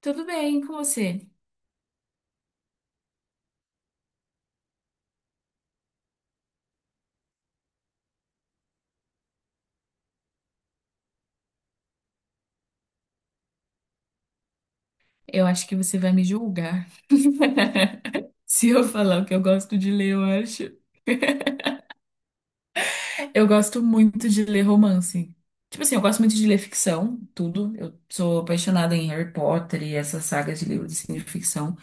Tudo bem com você? Eu acho que você vai me julgar. Se eu falar o que eu gosto de ler, eu acho. Eu gosto muito de ler romance. Tipo assim, eu gosto muito de ler ficção, tudo. Eu sou apaixonada em Harry Potter e essas sagas de livros assim, de ficção.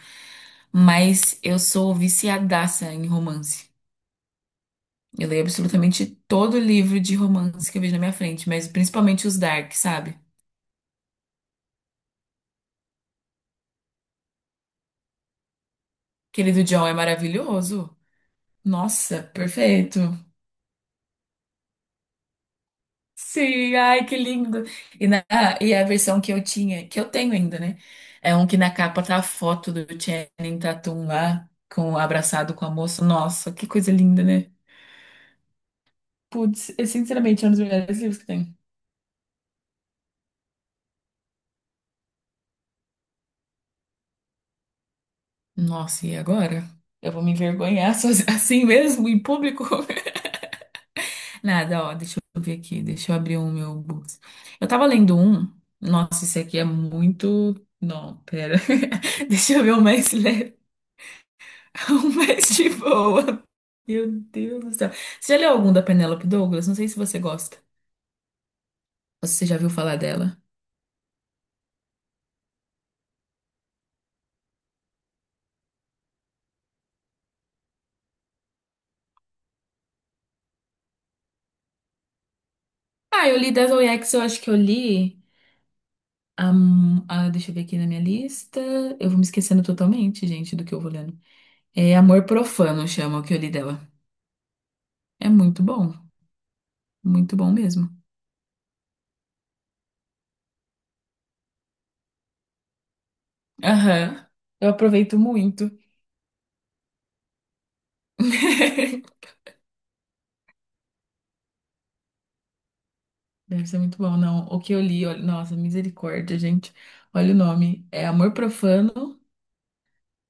Mas eu sou viciadaça em romance. Eu leio absolutamente todo livro de romance que eu vejo na minha frente, mas principalmente os dark, sabe? Aquele do John é maravilhoso. Nossa, perfeito. Sim, ai, que lindo. E, na, e a versão que eu tinha, que eu tenho ainda, né? É um que na capa tá a foto do Channing Tatum lá, com, abraçado com a moça. Nossa, que coisa linda, né? Putz, é sinceramente um dos melhores livros que tem. Nossa, e agora? Eu vou me envergonhar assim mesmo, em público? Nada, ó, deixa eu ver aqui, deixa eu abrir o meu books. Eu tava lendo um, nossa, esse aqui é muito. Não, pera. Deixa eu ver o mais leve. Um mês de boa. Meu Deus do céu. Você já leu algum da Penélope Douglas? Não sei se você gosta. Ou se você já viu falar dela. Ah, eu li Devil X, eu acho que eu li. Deixa eu ver aqui na minha lista. Eu vou me esquecendo totalmente, gente, do que eu vou lendo. É Amor Profano, chama o que eu li dela. É muito bom. Muito bom mesmo. Aham. Eu aproveito muito. Deve ser muito bom, não. O que eu li, olha, nossa, misericórdia, gente. Olha o nome. É Amor Profano.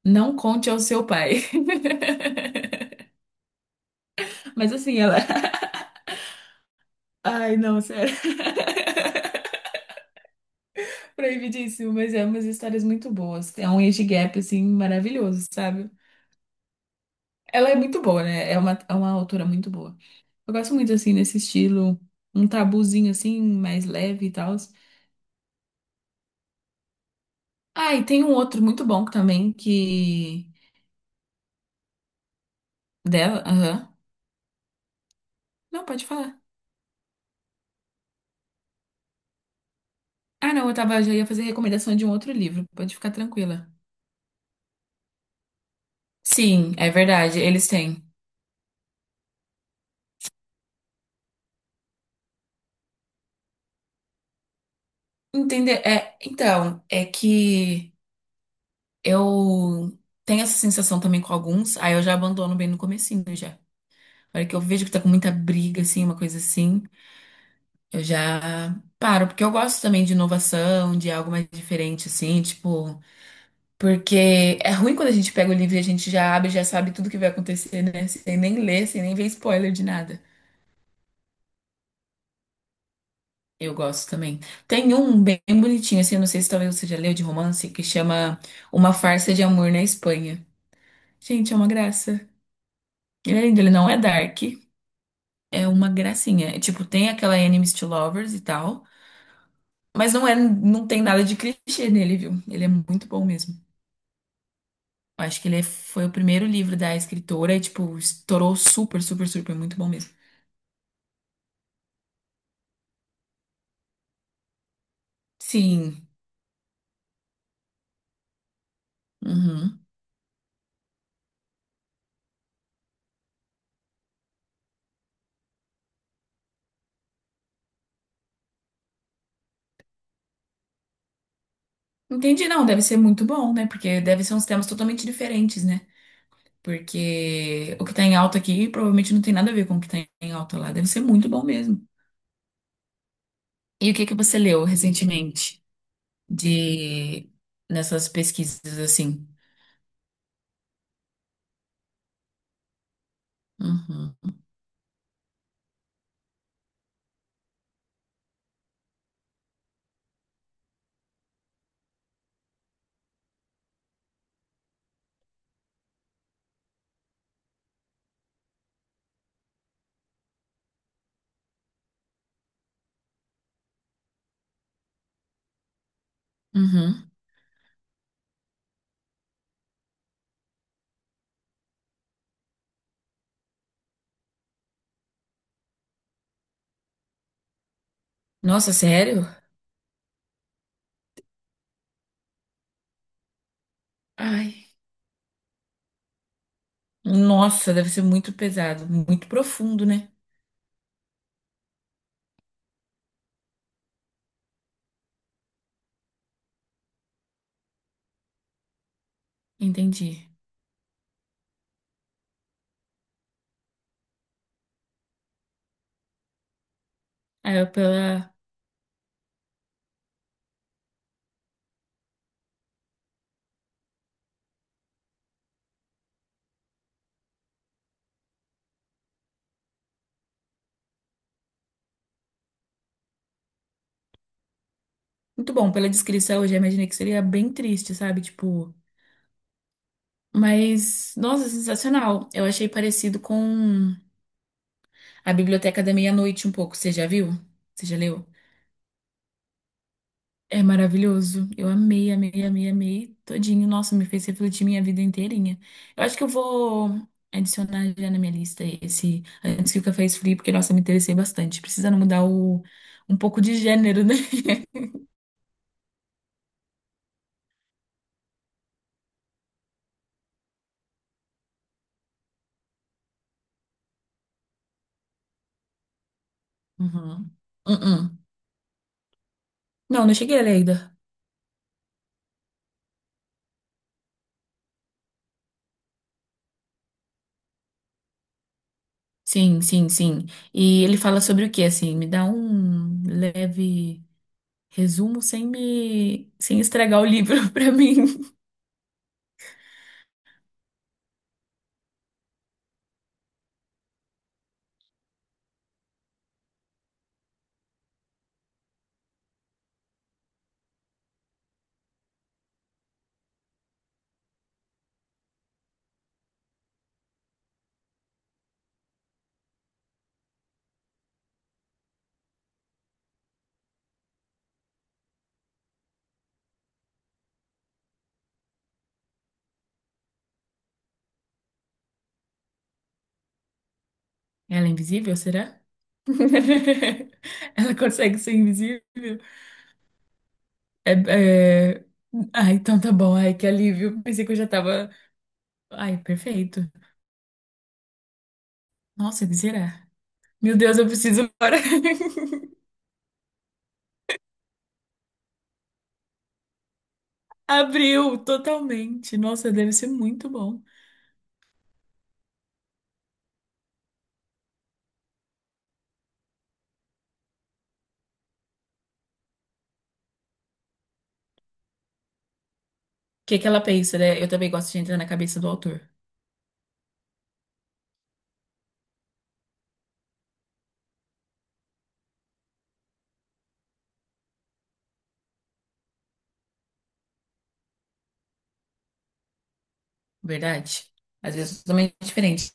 Não conte ao seu pai. Mas assim, ela. Ai, não, sério. Proibidíssimo, mas é umas histórias muito boas. É um age gap, assim, maravilhoso, sabe? Ela é muito boa, né? É uma autora muito boa. Eu gosto muito, assim, nesse estilo, um tabuzinho, assim, mais leve e tal. Ah, e tem um outro muito bom também, que. Dela. Aham. Não, pode falar. Ah, não, eu tava, já ia fazer recomendação de um outro livro. Pode ficar tranquila. Sim, é verdade, eles têm. Entender. É, então, é que eu tenho essa sensação também com alguns, aí eu já abandono bem no comecinho já. Na hora que eu vejo que tá com muita briga, assim, uma coisa assim, eu já paro, porque eu gosto também de inovação, de algo mais diferente, assim, tipo, porque é ruim quando a gente pega o livro e a gente já abre, já sabe tudo que vai acontecer, né? Sem nem ler, sem nem ver spoiler de nada. Eu gosto também. Tem um bem bonitinho, assim, eu não sei se talvez você já leu de romance, que chama Uma Farsa de Amor na Espanha. Gente, é uma graça. Ele é lindo, ele não é dark, é uma gracinha. É, tipo, tem aquela enemies to lovers e tal, mas não é, não tem nada de clichê nele, viu? Ele é muito bom mesmo. Eu acho que ele foi o primeiro livro da escritora e, tipo, estourou super, super, super, muito bom mesmo. Sim. Uhum. Entendi, não, deve ser muito bom, né? Porque deve ser uns temas totalmente diferentes, né? Porque o que tá em alta aqui provavelmente não tem nada a ver com o que tá em alta lá. Deve ser muito bom mesmo. E o que que você leu recentemente? De nessas pesquisas assim. Uhum. Uhum. Nossa, sério? Ai, nossa, deve ser muito pesado, muito profundo, né? Entendi. Aí eu pela Muito bom, pela descrição, eu já imaginei que seria bem triste, sabe? Tipo, mas nossa, sensacional. Eu achei parecido com a Biblioteca da Meia-Noite um pouco. Você já viu? Você já leu? É maravilhoso. Eu amei, amei, amei, amei todinho. Nossa, me fez refletir minha vida inteirinha. Eu acho que eu vou adicionar já na minha lista esse antes que o café esfrie, porque, nossa, me interessei bastante. Precisando mudar o, um pouco de gênero, né? Uhum. Uhum. Não, não cheguei a ler ainda. Sim, sim, sim. E ele fala sobre o quê, assim? Me dá um leve resumo sem me, sem estragar o livro pra mim. Ela é invisível, será? Ela consegue ser invisível? É, é... Ah, então tá bom. Ai, que alívio. Pensei que eu já tava. Ai, perfeito. Nossa, que será? Meu Deus, eu preciso agora. Abriu totalmente. Nossa, deve ser muito bom. O que que ela pensa, né? Eu também gosto de entrar na cabeça do autor, verdade? Às vezes é totalmente diferente.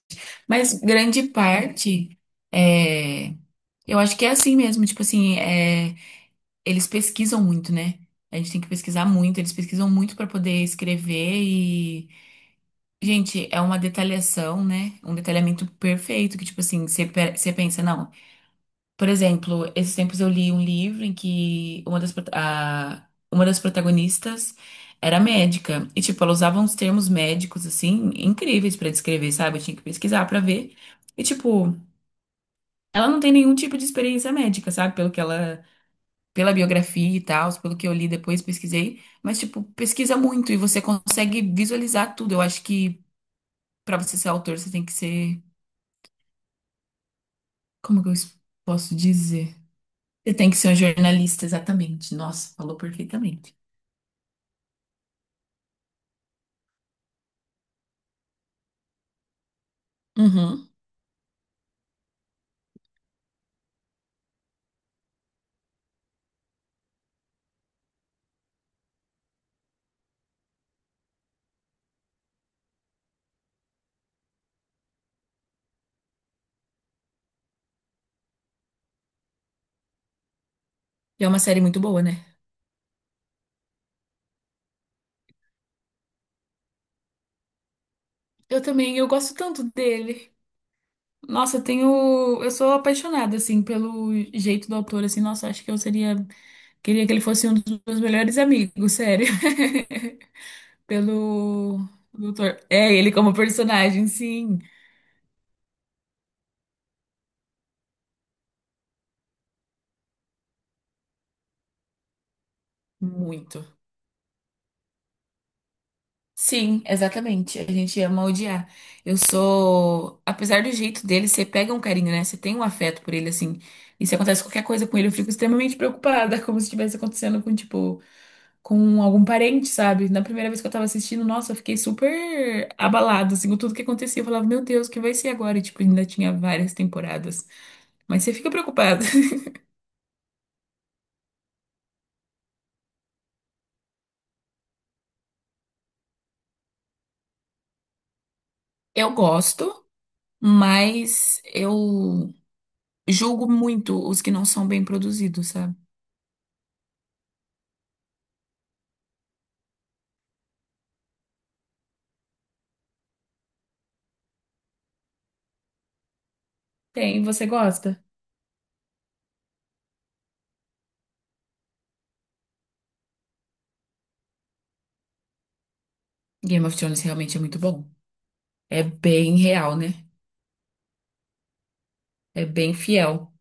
Mas grande parte é. Eu acho que é assim mesmo, tipo assim, é, eles pesquisam muito, né? A gente tem que pesquisar muito, eles pesquisam muito para poder escrever. Gente, é uma detalhação, né? Um detalhamento perfeito, que, tipo assim, você pensa, não. Por exemplo, esses tempos eu li um livro em que uma das protagonistas era médica. E, tipo, ela usava uns termos médicos, assim, incríveis pra descrever, sabe? Eu tinha que pesquisar pra ver. E, tipo, ela não tem nenhum tipo de experiência médica, sabe? Pelo que ela. Pela biografia e tal, pelo que eu li depois, pesquisei. Mas, tipo, pesquisa muito e você consegue visualizar tudo. Eu acho que. Pra você ser autor, você tem que ser. Como que eu posso dizer? Você tem que ser um jornalista, exatamente. Nossa, falou perfeitamente. Uhum. E é uma série muito boa, né? Eu também, eu gosto tanto dele. Nossa, eu tenho. Eu sou apaixonada, assim, pelo jeito do autor, assim. Nossa, acho que eu seria. Queria que ele fosse um dos meus melhores amigos, sério. Pelo. Doutor. É, ele como personagem, sim. Muito. Sim, exatamente. A gente ama odiar. Eu sou, apesar do jeito dele, você pega um carinho, né? Você tem um afeto por ele, assim. E se acontece qualquer coisa com ele, eu fico extremamente preocupada, como se estivesse acontecendo com, tipo, com algum parente, sabe? Na primeira vez que eu tava assistindo, nossa, eu fiquei super abalada, assim, com tudo que acontecia. Eu falava, meu Deus, o que vai ser agora? E, tipo, ainda tinha várias temporadas. Mas você fica preocupada. Eu gosto, mas eu julgo muito os que não são bem produzidos, sabe? Tem, você gosta? Game of Thrones realmente é muito bom. É bem real, né? É bem fiel.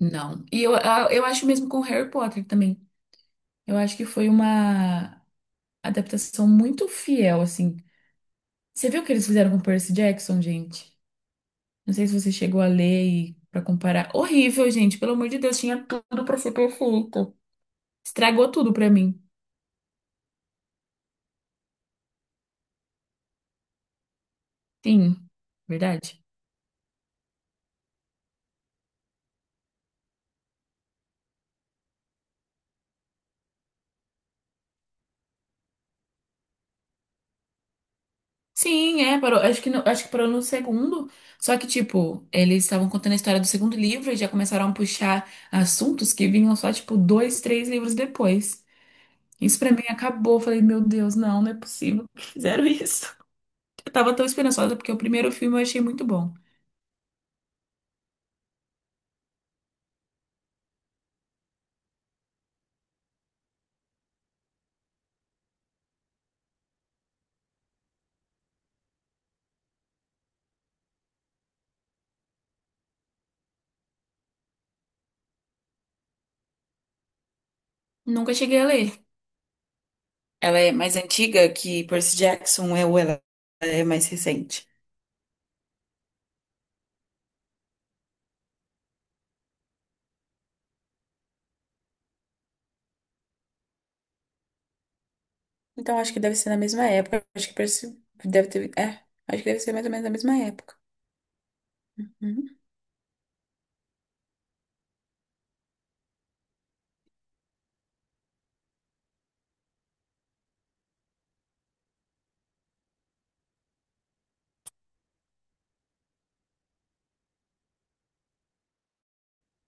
Não. E eu acho mesmo com Harry Potter também. Eu acho que foi uma adaptação muito fiel, assim. Você viu o que eles fizeram com Percy Jackson, gente? Não sei se você chegou a ler e para comparar. Horrível, gente. Pelo amor de Deus, tinha tudo para ser perfeito. Estragou tudo para mim. Sim, verdade. Sim, é, parou. Acho que parou no segundo. Só que, tipo, eles estavam contando a história do segundo livro e já começaram a puxar assuntos que vinham só, tipo, dois, três livros depois. Isso pra mim acabou. Eu falei, meu Deus, não, não é possível que fizeram isso. Eu tava tão esperançosa porque o primeiro filme eu achei muito bom. Nunca cheguei a ler. Ela é mais antiga que Percy Jackson é ou ela é mais recente? Então acho que deve ser na mesma época. Acho que Percy deve ter. É, acho que deve ser mais ou menos na mesma época.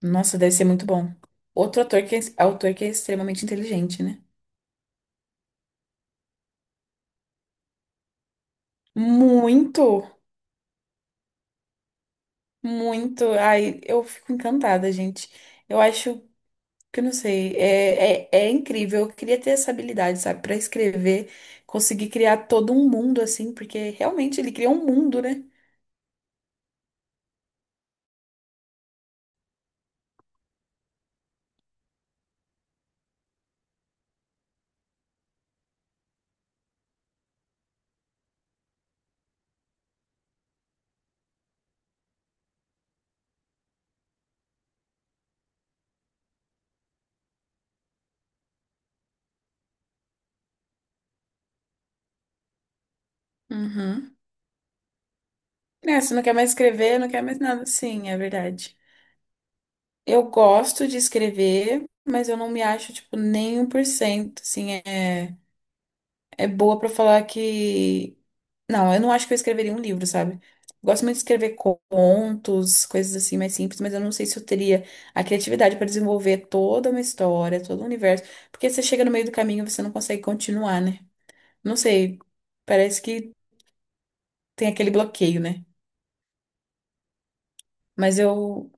Nossa, deve ser muito bom. Outro ator que é, autor que é extremamente inteligente, né? Muito, muito. Ai, eu fico encantada, gente. Eu acho que, eu não sei, é incrível. Eu queria ter essa habilidade, sabe? Pra escrever, conseguir criar todo um mundo, assim, porque realmente ele cria um mundo, né? Uhum. É, você não quer mais escrever, não quer mais nada. Sim, é verdade. Eu gosto de escrever, mas eu não me acho, tipo, nem um por cento. Assim, é boa pra falar que. Não, eu não acho que eu escreveria um livro, sabe? Gosto muito de escrever contos, coisas assim mais simples, mas eu não sei se eu teria a criatividade para desenvolver toda uma história, todo um universo, porque você chega no meio do caminho e você não consegue continuar, né? Não sei, parece que tem aquele bloqueio, né? Mas eu,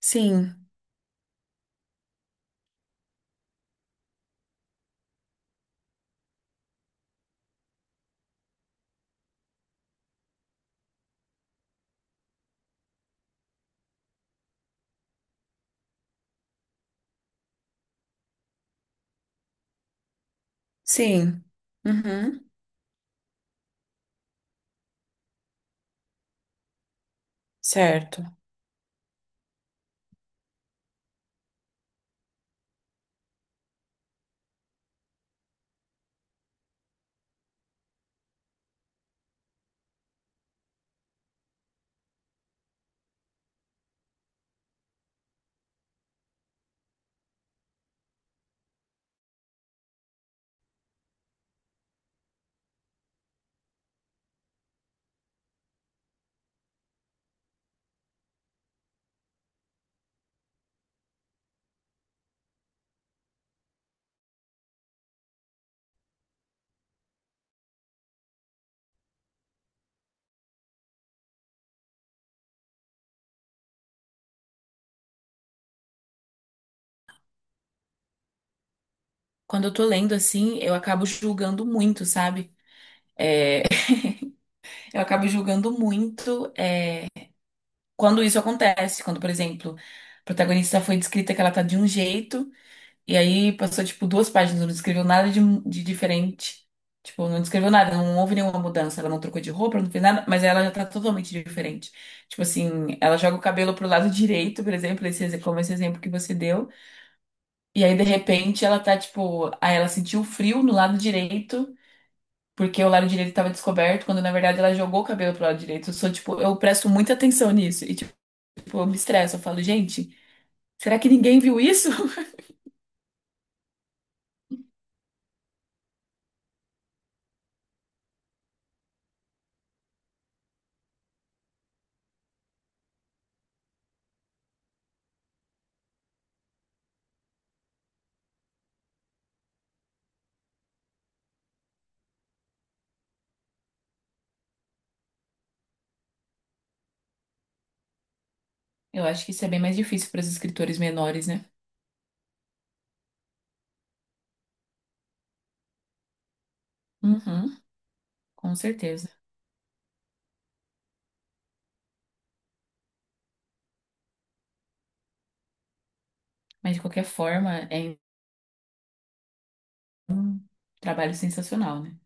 sim, sim, uhum, certo. Quando eu tô lendo assim, eu acabo julgando muito, sabe? É, eu acabo julgando muito quando isso acontece, quando, por exemplo, a protagonista foi descrita que ela tá de um jeito, e aí passou, tipo, duas páginas, não descreveu nada de diferente. Tipo, não descreveu nada, não houve nenhuma mudança. Ela não trocou de roupa, não fez nada, mas ela já tá totalmente diferente. Tipo assim, ela joga o cabelo pro lado direito, por exemplo, como esse exemplo que você deu. E aí, de repente, ela tá, tipo, aí ela sentiu frio no lado direito. Porque o lado direito tava descoberto, quando na verdade ela jogou o cabelo pro lado direito. Eu sou, tipo, eu presto muita atenção nisso. E, tipo, eu me estresso, eu falo, gente, será que ninguém viu isso? Eu acho que isso é bem mais difícil para os escritores menores, né? Uhum, com certeza. Mas de qualquer forma, é um trabalho sensacional, né?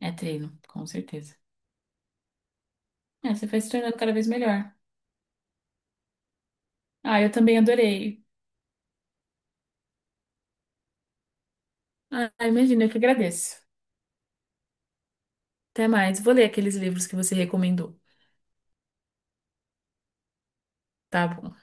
É treino, com certeza. É, você vai se tornando cada vez melhor. Ah, eu também adorei. Ah, imagina, eu que agradeço. Até mais. Vou ler aqueles livros que você recomendou. Tá bom.